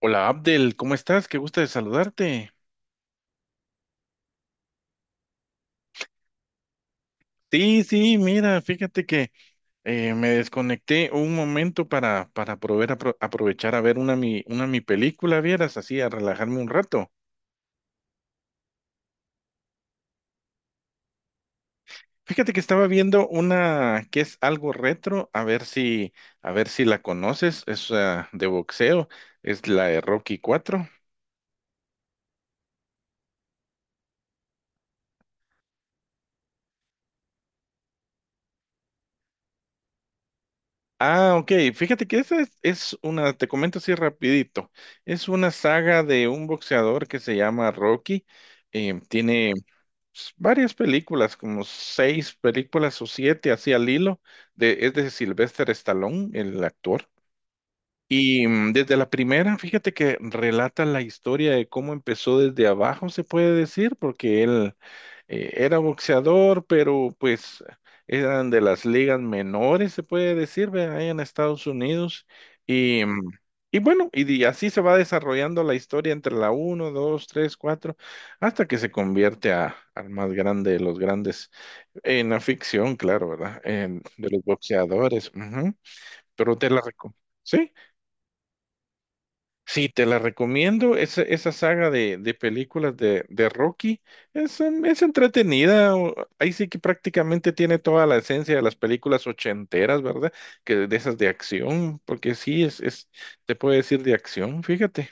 Hola, Abdel, ¿cómo estás? Qué gusto de saludarte. Sí, sí, mira, fíjate que me desconecté un momento para poder aprovechar a ver una mi película, vieras, así, a relajarme un rato. Fíjate que estaba viendo una que es algo retro, a ver si la conoces, es de boxeo, es la de Rocky cuatro. Ok, fíjate que esa es una, te comento así rapidito, es una saga de un boxeador que se llama Rocky. Tiene varias películas, como seis películas o siete, así al hilo, es de Sylvester Stallone, el actor. Y desde la primera, fíjate que relata la historia de cómo empezó desde abajo, se puede decir, porque él era boxeador, pero pues eran de las ligas menores, se puede decir, ve, ahí en Estados Unidos. Y, mm, y bueno, así se va desarrollando la historia entre la uno, 2, 3, 4, hasta que se convierte al más grande de los grandes, en la ficción, claro, ¿verdad? De los boxeadores. Ujú. Pero te la recomiendo. Sí, te la recomiendo. Esa saga de películas de Rocky es entretenida. Ahí sí que prácticamente tiene toda la esencia de las películas ochenteras, ¿verdad? Que de esas de acción, porque sí, te puede decir de acción, fíjate.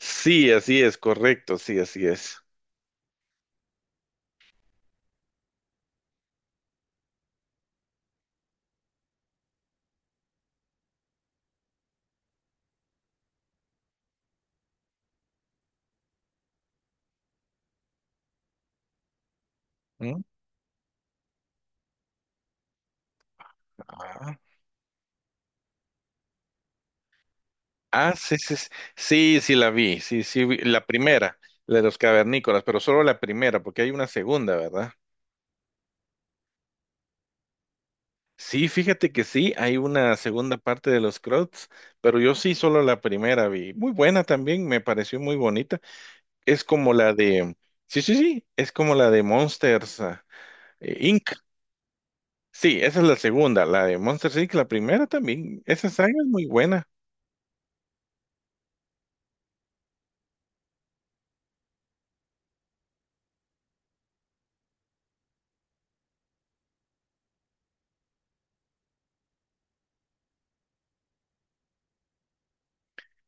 Sí, así es, correcto, sí, así es. ¿Mm? Ah. Sí, sí, sí, sí, sí la vi, sí, sí, la primera, la de los cavernícolas, pero solo la primera, porque hay una segunda, ¿verdad? Sí, fíjate que sí, hay una segunda parte de los Croats, pero yo sí solo la primera vi. Muy buena también, me pareció muy bonita. Es como la de, sí, sí, sí, es como la de Monsters Inc. Sí, esa es la segunda, la de Monsters Inc. La primera también, esa saga es muy buena.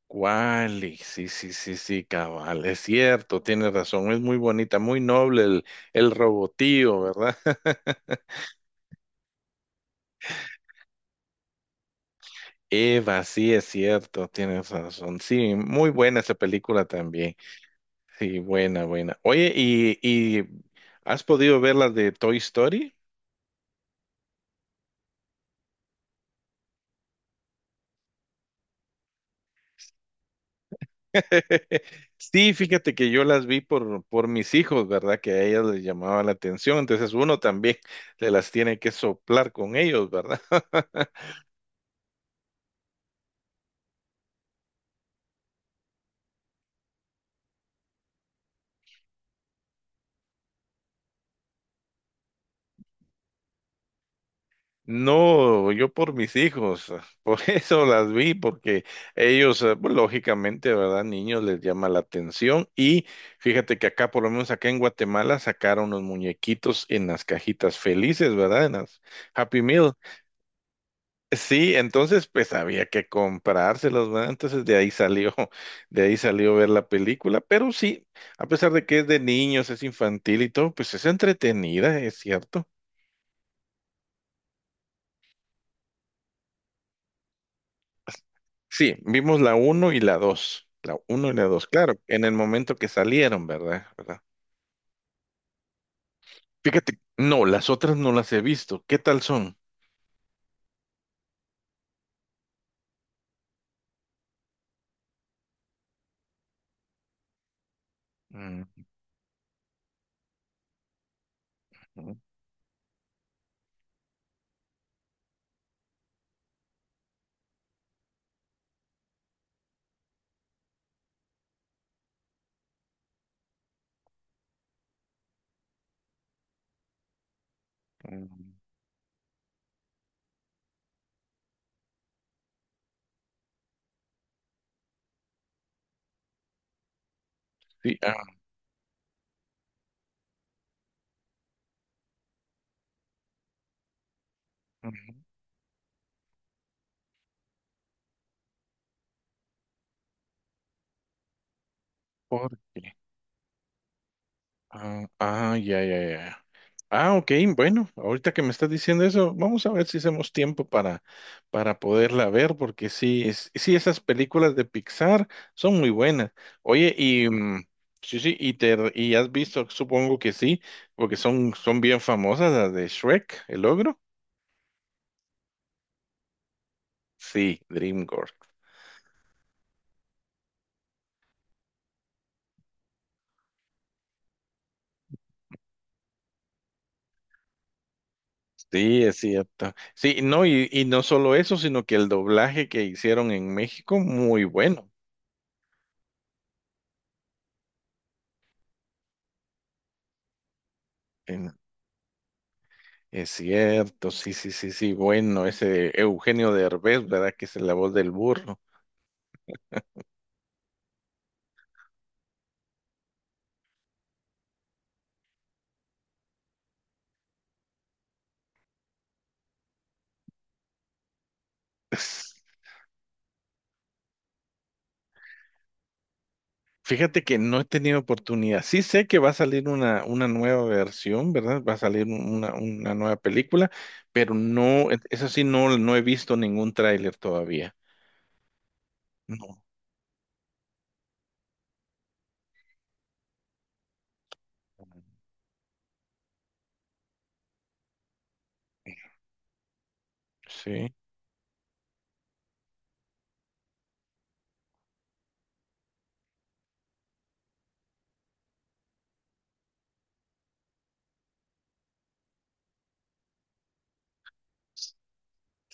¿Cuál? Sí, sí, sí, sí, cabal, es cierto, tienes razón, es muy bonita, muy noble el robotío, ¿verdad? Eva, sí, es cierto, tienes razón. Sí, muy buena esa película también. Sí, buena, buena. Oye, ¿y has podido ver las de Toy Story? Sí, fíjate que yo las por mis hijos, ¿verdad? Que a ellas les llamaba la atención. Entonces uno también se las tiene que soplar con ellos, ¿verdad? No, yo por mis hijos, por eso las vi, porque pues, lógicamente, ¿verdad? Niños les llama la atención y fíjate que acá, por lo menos acá en Guatemala, sacaron los muñequitos en las cajitas felices, ¿verdad? En las Happy Meal. Sí, entonces pues había que comprárselos, ¿verdad? Entonces de ahí salió, de ahí salió ver la película, pero sí, a pesar de que es de niños, es infantil y todo, pues es entretenida, es cierto. Sí, vimos la uno y la dos. La uno y la dos, claro, en el momento que salieron, ¿verdad? ¿Verdad? Fíjate, no, las otras no las he visto. ¿Qué tal son? Ujú, ujú. Sí, ah, ujú. ¿Por qué? Ah, ah, ya, ya, ya. Ah, ok, bueno, ahorita que me estás diciendo eso, vamos a ver si hacemos tiempo para poderla ver, porque sí, sí, esas películas de Pixar son muy buenas. Oye, sí, sí, y has visto, supongo que sí, porque son bien famosas las de Shrek, el ogro. Sí, DreamWorks. Sí, es cierto. Sí, no, y no solo eso, sino que el doblaje que hicieron en México, muy bueno. Es cierto, sí, sí, sí, sí. Bueno, ese Eugenio Derbez, ¿verdad? Que es la voz del burro. Es- Fíjate que no he tenido oportunidad. Sí sé que va a salir una nueva versión, ¿verdad? Va a salir una nueva película, pero no, eso sí, no he visto ningún tráiler todavía. No, sí.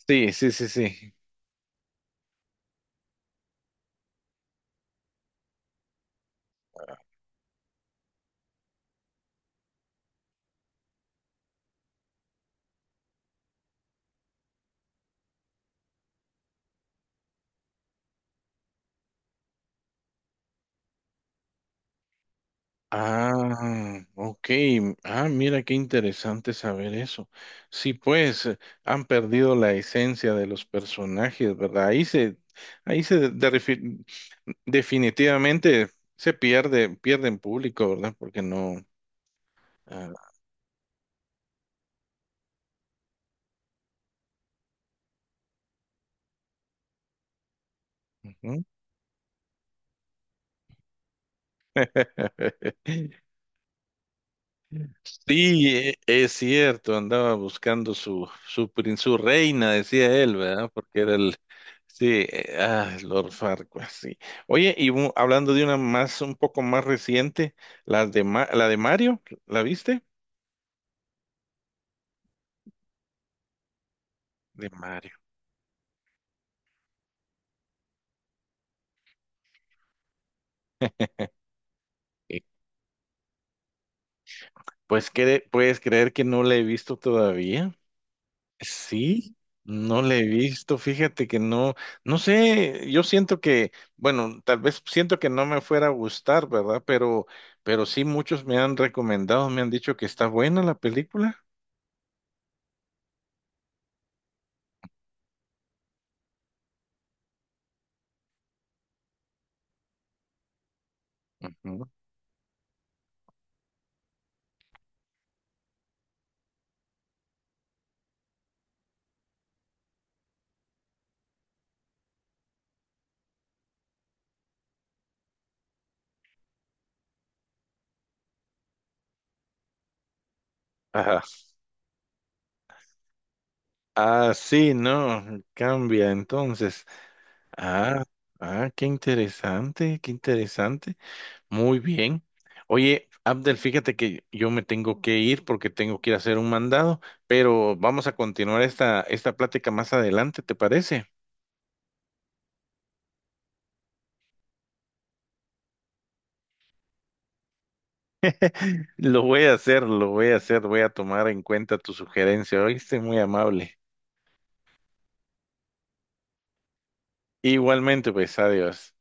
Sí, sí, sí, sí. Ah, ok. Ah, mira qué interesante saber eso. Sí, pues han perdido la esencia de los personajes, ¿verdad? Ahí se definitivamente se pierde, pierden público, ¿verdad? Porque no. Ah, ujú. Sí, es cierto, andaba buscando su reina, decía él, ¿verdad? Porque era el. Sí, Lord Farquaad, sí. Oye, y hablando de una más, un poco más reciente, la de Mario, ¿la viste? De Mario. Eh, Pues, ¿puedes creer que no la he visto todavía? Sí, no le he visto, fíjate que no, no sé, yo siento que, bueno, tal vez siento que no me fuera a gustar, ¿verdad? Pero sí muchos me han recomendado, me han dicho que está buena la película. Ujú. Ajá. Ah, sí, no, cambia entonces. Ah, ah, qué interesante, qué interesante. Muy bien. Oye, Abdel, fíjate que yo me tengo que ir porque tengo que ir a hacer un mandado, pero vamos a continuar esta plática más adelante, ¿te parece? Lo voy a hacer, lo voy a hacer, voy a tomar en cuenta tu sugerencia, ¿oíste? Muy amable. Igualmente, pues, adiós.